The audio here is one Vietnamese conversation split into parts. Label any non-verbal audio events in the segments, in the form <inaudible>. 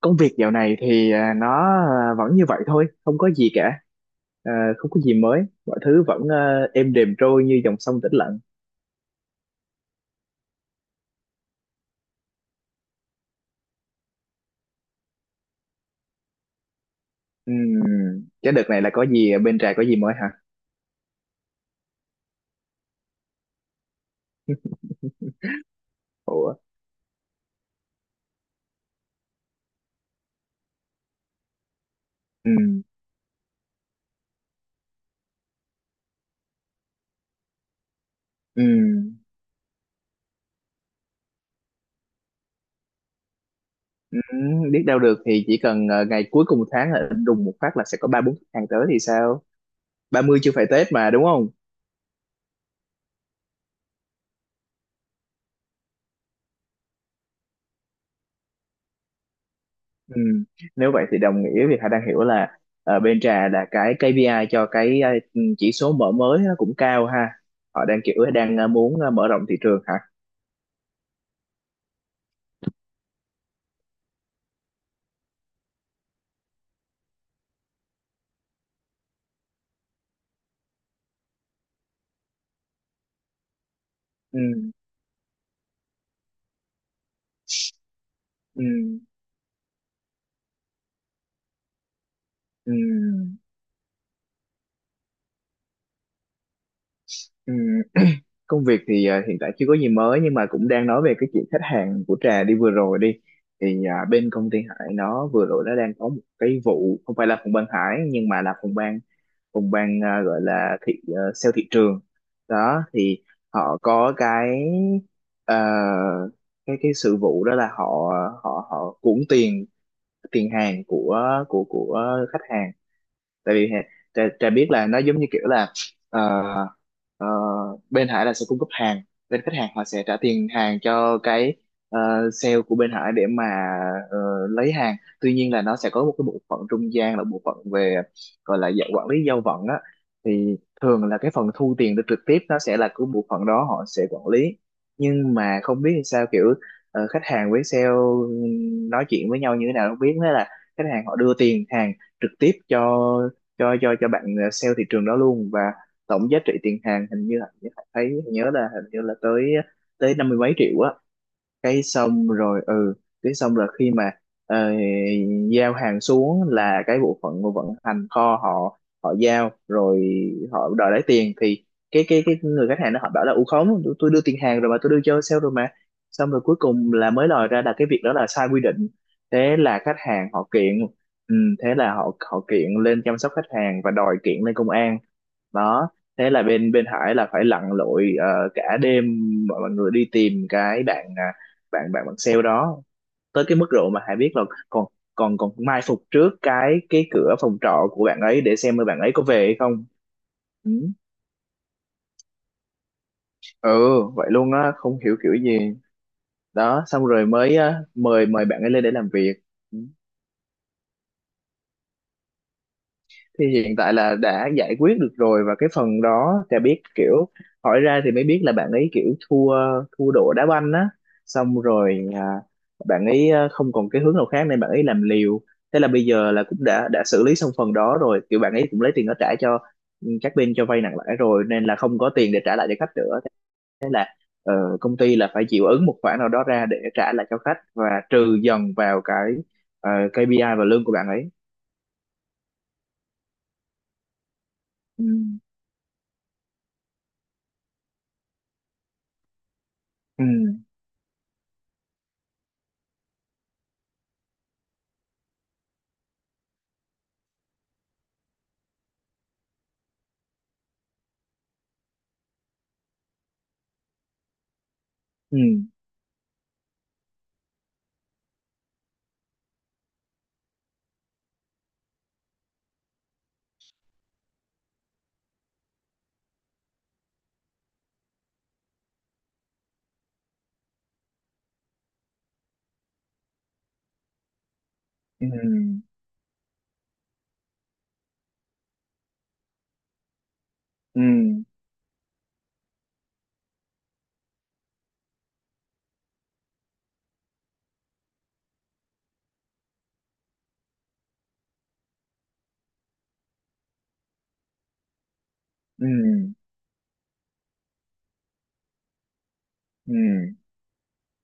Công việc dạo này thì vẫn như vậy thôi, không có gì cả. À, không có gì mới, mọi thứ vẫn êm đềm trôi như dòng sông tĩnh lặng. Ừm, cái đợt này là có gì ở bên Trà, có gì mới hả? Ủa. Ừm. Ừm. Ừm, biết đâu được, thì chỉ cần ngày cuối cùng tháng là đùng một phát là sẽ có ba bốn khách hàng tới thì sao? Ba mươi chưa phải Tết mà, đúng không? Ừ. Nếu vậy thì đồng nghĩa việc Hà đang hiểu là bên Trà là cái KPI cho cái chỉ số mở mới nó cũng cao ha. Họ đang kiểu đang muốn mở rộng thị trường hả? Ừ. Ừ. Ừ. Ừ. Công việc thì hiện tại chưa có gì mới, nhưng mà cũng đang nói về cái chuyện khách hàng của Trà đi, vừa rồi đi thì bên công ty Hải nó vừa rồi nó đang có một cái vụ, không phải là phòng ban Hải, nhưng mà là phòng ban gọi là sale thị trường đó, thì họ có cái ờ, cái sự vụ đó là họ họ họ cuỗng tiền, tiền hàng của khách hàng. Tại vì Trà, Trà biết là nó giống như kiểu là ờ, ờ, bên Hải là sẽ cung cấp hàng, bên khách hàng họ sẽ trả tiền hàng cho cái sale của bên Hải để mà ờ, lấy hàng. Tuy nhiên là nó sẽ có một cái bộ phận trung gian, là bộ phận về, gọi là dạng quản lý giao vận á, thì thường là cái phần thu tiền được trực tiếp nó sẽ là của bộ phận đó, họ sẽ quản lý. Nhưng mà không biết sao, kiểu khách hàng với sale nói chuyện với nhau như thế nào không biết, thế là khách hàng họ đưa tiền hàng trực tiếp cho cho bạn sale thị trường đó luôn. Và tổng giá trị tiền hàng hình như là, thấy nhớ là hình như là tới tới năm mươi mấy triệu á. Cái xong rồi, ừ, cái xong rồi khi mà ờ, giao hàng xuống là cái bộ phận của vận hành kho họ họ giao rồi, họ đòi lấy tiền, thì cái người khách hàng nó họ bảo là u khống, tôi đưa tiền hàng rồi mà, tôi đưa cho sale rồi mà. Xong rồi cuối cùng là mới lòi ra là cái việc đó là sai quy định, thế là khách hàng họ kiện. Ừ, thế là họ họ kiện lên chăm sóc khách hàng và đòi kiện lên công an đó. Thế là bên bên Hải là phải lặn lội cả đêm, mọi mọi người đi tìm cái bạn bạn sale đó, tới cái mức độ mà Hải biết là còn còn còn mai phục trước cái cửa phòng trọ của bạn ấy để xem bạn ấy có về hay không. Ừ, ừ, vậy luôn á, không hiểu kiểu gì. Đó, xong rồi mới mời mời bạn ấy lên để làm việc. Ừ. Thì hiện tại là đã giải quyết được rồi, và cái phần đó Trà biết, kiểu hỏi ra thì mới biết là bạn ấy kiểu thua thua độ đá banh á. Xong rồi bạn ấy không còn cái hướng nào khác nên bạn ấy làm liều. Thế là bây giờ là cũng đã xử lý xong phần đó rồi, kiểu bạn ấy cũng lấy tiền đó trả cho, ừ, các bên cho vay nặng lãi rồi, nên là không có tiền để trả lại cho khách nữa. Ờ, Công ty là phải chịu ứng một khoản nào đó ra để trả lại cho khách, và trừ dần vào cái KPI và lương của bạn ấy. Ừ. Ừ. Ừ. Ừ. Ừ. Ừ. Ừ.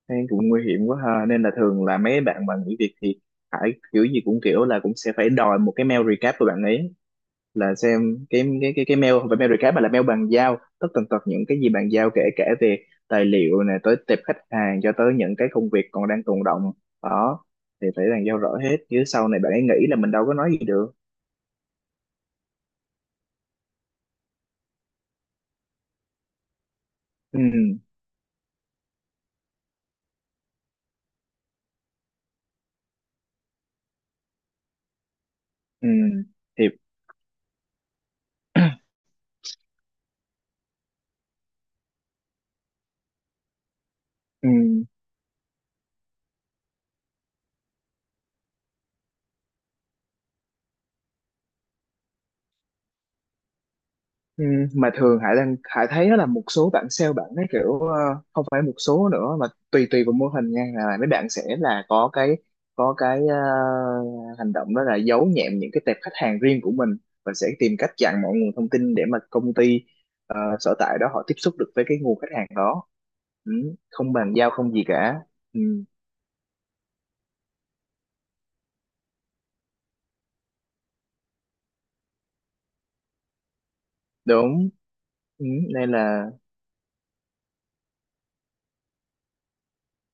Thế cũng nguy hiểm quá ha, nên là thường là mấy bạn mà nghỉ việc thì phải kiểu gì cũng, kiểu là cũng sẽ phải đòi một cái mail recap của bạn ấy, là xem cái cái mail, không phải mail recap mà là mail bàn giao, tất tần tật những cái gì bàn giao, kể cả về tài liệu, này tới tệp khách hàng, cho tới những cái công việc còn đang tồn đọng đó, thì phải bàn giao rõ hết, chứ sau này bạn ấy nghĩ là mình đâu có nói gì được. Ừ. Ừ. Thì. Ừ. Ừ, mà thường Hải đang, Hải thấy đó là một số bạn sale bạn ấy kiểu không phải một số nữa mà tùy, tùy vào mô hình nha, là mấy bạn sẽ là có có cái hành động đó là giấu nhẹm những cái tệp khách hàng riêng của mình, và sẽ tìm cách chặn mọi nguồn thông tin để mà công ty sở tại đó họ tiếp xúc được với cái nguồn khách hàng đó. Ừ, không bàn giao không gì cả. Ừ, đúng. Ừ, nên là.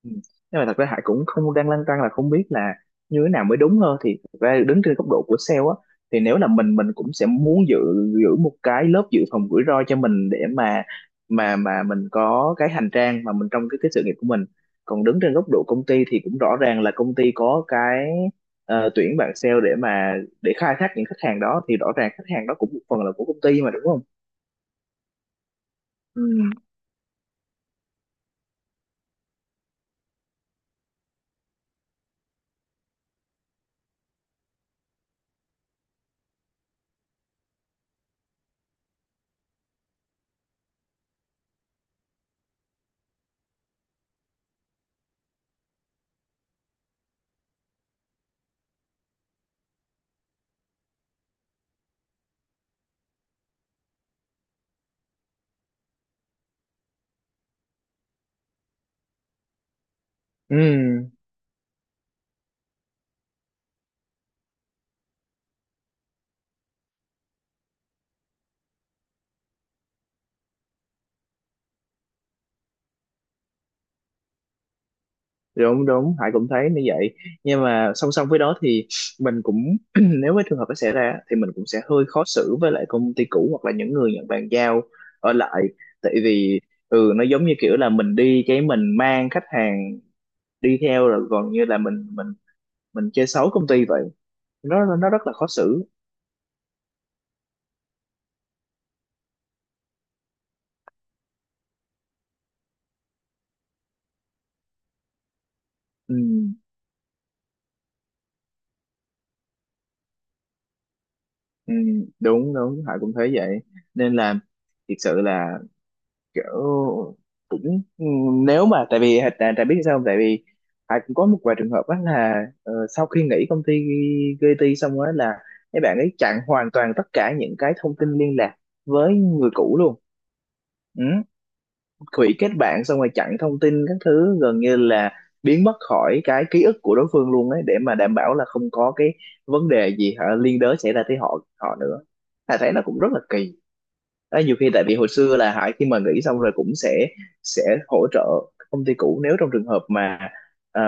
Ừ. Nhưng mà thật ra Hải cũng không, đang lăn tăn là không biết là như thế nào mới đúng hơn. Thì thật ra đứng trên góc độ của sale á, thì nếu là mình cũng sẽ muốn giữ giữ một cái lớp dự phòng rủi ro cho mình, để mà mà mình có cái hành trang, mà mình trong cái sự nghiệp của mình. Còn đứng trên góc độ công ty thì cũng rõ ràng là công ty có cái tuyển bạn sale để mà, để khai thác những khách hàng đó, thì rõ ràng khách hàng đó cũng một phần là của công ty mà, đúng không? Ừ. Ừ, đúng đúng, Hải cũng thấy như vậy. Nhưng mà song song với đó thì mình cũng <clears throat> nếu cái trường hợp nó xảy ra thì mình cũng sẽ hơi khó xử với lại công ty cũ, hoặc là những người nhận bàn giao ở lại. Tại vì, ừ, nó giống như kiểu là mình đi cái mình mang khách hàng đi theo rồi, còn như là mình mình chơi xấu công ty vậy. Nó rất là khó xử. Ừ. Ừ, đúng đúng, Hải cũng thấy vậy. Nên là thực sự là kiểu cũng, ừ, nếu mà, tại vì tại biết sao không, tại vì Hải cũng có một vài trường hợp đó là sau khi nghỉ công ty GT xong á là mấy bạn ấy chặn hoàn toàn tất cả những cái thông tin liên lạc với người cũ luôn. Ừ. Hủy kết bạn xong rồi chặn thông tin các thứ, gần như là biến mất khỏi cái ký ức của đối phương luôn ấy, để mà đảm bảo là không có cái vấn đề gì hả liên đới xảy ra tới họ họ nữa. Hải thấy nó cũng rất là kỳ. Đấy, nhiều khi tại vì hồi xưa là Hải khi mà nghỉ xong rồi cũng sẽ hỗ trợ công ty cũ, nếu trong trường hợp mà ờ,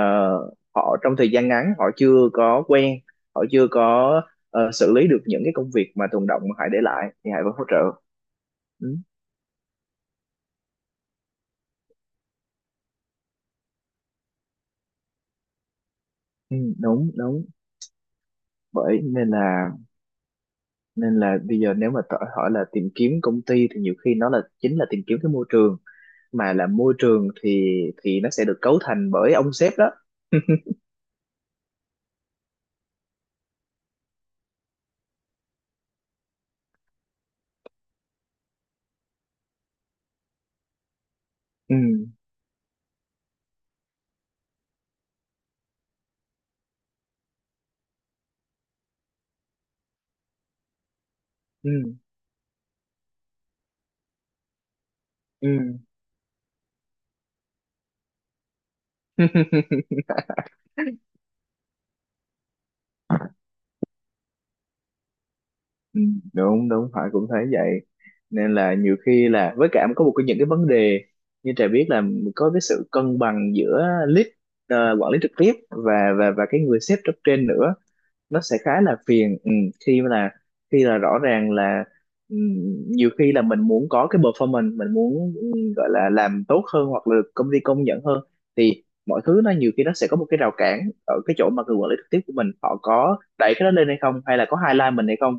họ trong thời gian ngắn họ chưa có quen, họ chưa có xử lý được những cái công việc mà tồn đọng mà Hải để lại, thì Hải vẫn hỗ trợ. Ừ. Ừ, đúng đúng. Bởi nên là, nên là bây giờ nếu mà hỏi là tìm kiếm công ty thì nhiều khi nó là chính là tìm kiếm cái môi trường. Mà là môi trường thì nó sẽ được cấu thành bởi ông sếp đó. Ừ. Ừ. Ừ. <laughs> Ừ, đúng đúng phải, cũng thấy vậy. Nên là nhiều khi là, với cả có một cái những cái vấn đề như Trà biết là có cái sự cân bằng giữa quản lý trực tiếp và và cái người sếp cấp trên nữa, nó sẽ khá là phiền. Ừ, khi mà là, khi là rõ ràng là, ừ, nhiều khi là mình muốn có cái performance, mình muốn gọi là làm tốt hơn hoặc là được công ty công nhận hơn, thì mọi thứ nó nhiều khi nó sẽ có một cái rào cản ở cái chỗ mà người quản lý trực tiếp của mình họ có đẩy cái đó lên hay không, hay là có highlight mình hay không.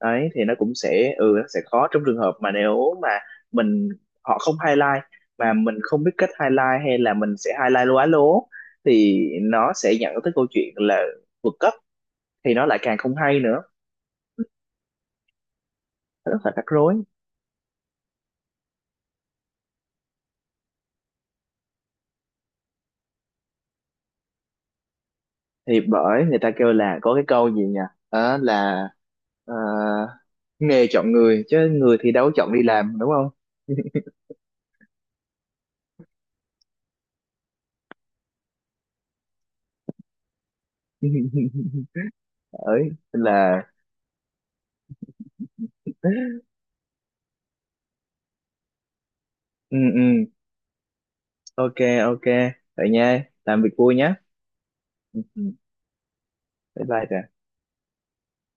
Đấy, thì nó cũng sẽ, ừ, nó sẽ khó trong trường hợp mà nếu mà mình, họ không highlight mà mình không biết cách highlight, hay là mình sẽ highlight lố á, lố, thì nó sẽ dẫn tới câu chuyện là vượt cấp, thì nó lại càng không hay nữa. Nó rất là rắc rối. Thì bởi người ta kêu là có cái câu gì nhỉ? Đó là ờ, nghề chọn người, chứ người thì đâu có chọn đi làm, đúng không? <laughs> Ấy là. Ừ. Ừ. OK. OK. Vậy nha, làm việc vui nhé. Ừ, ừ. Bye bye Trà.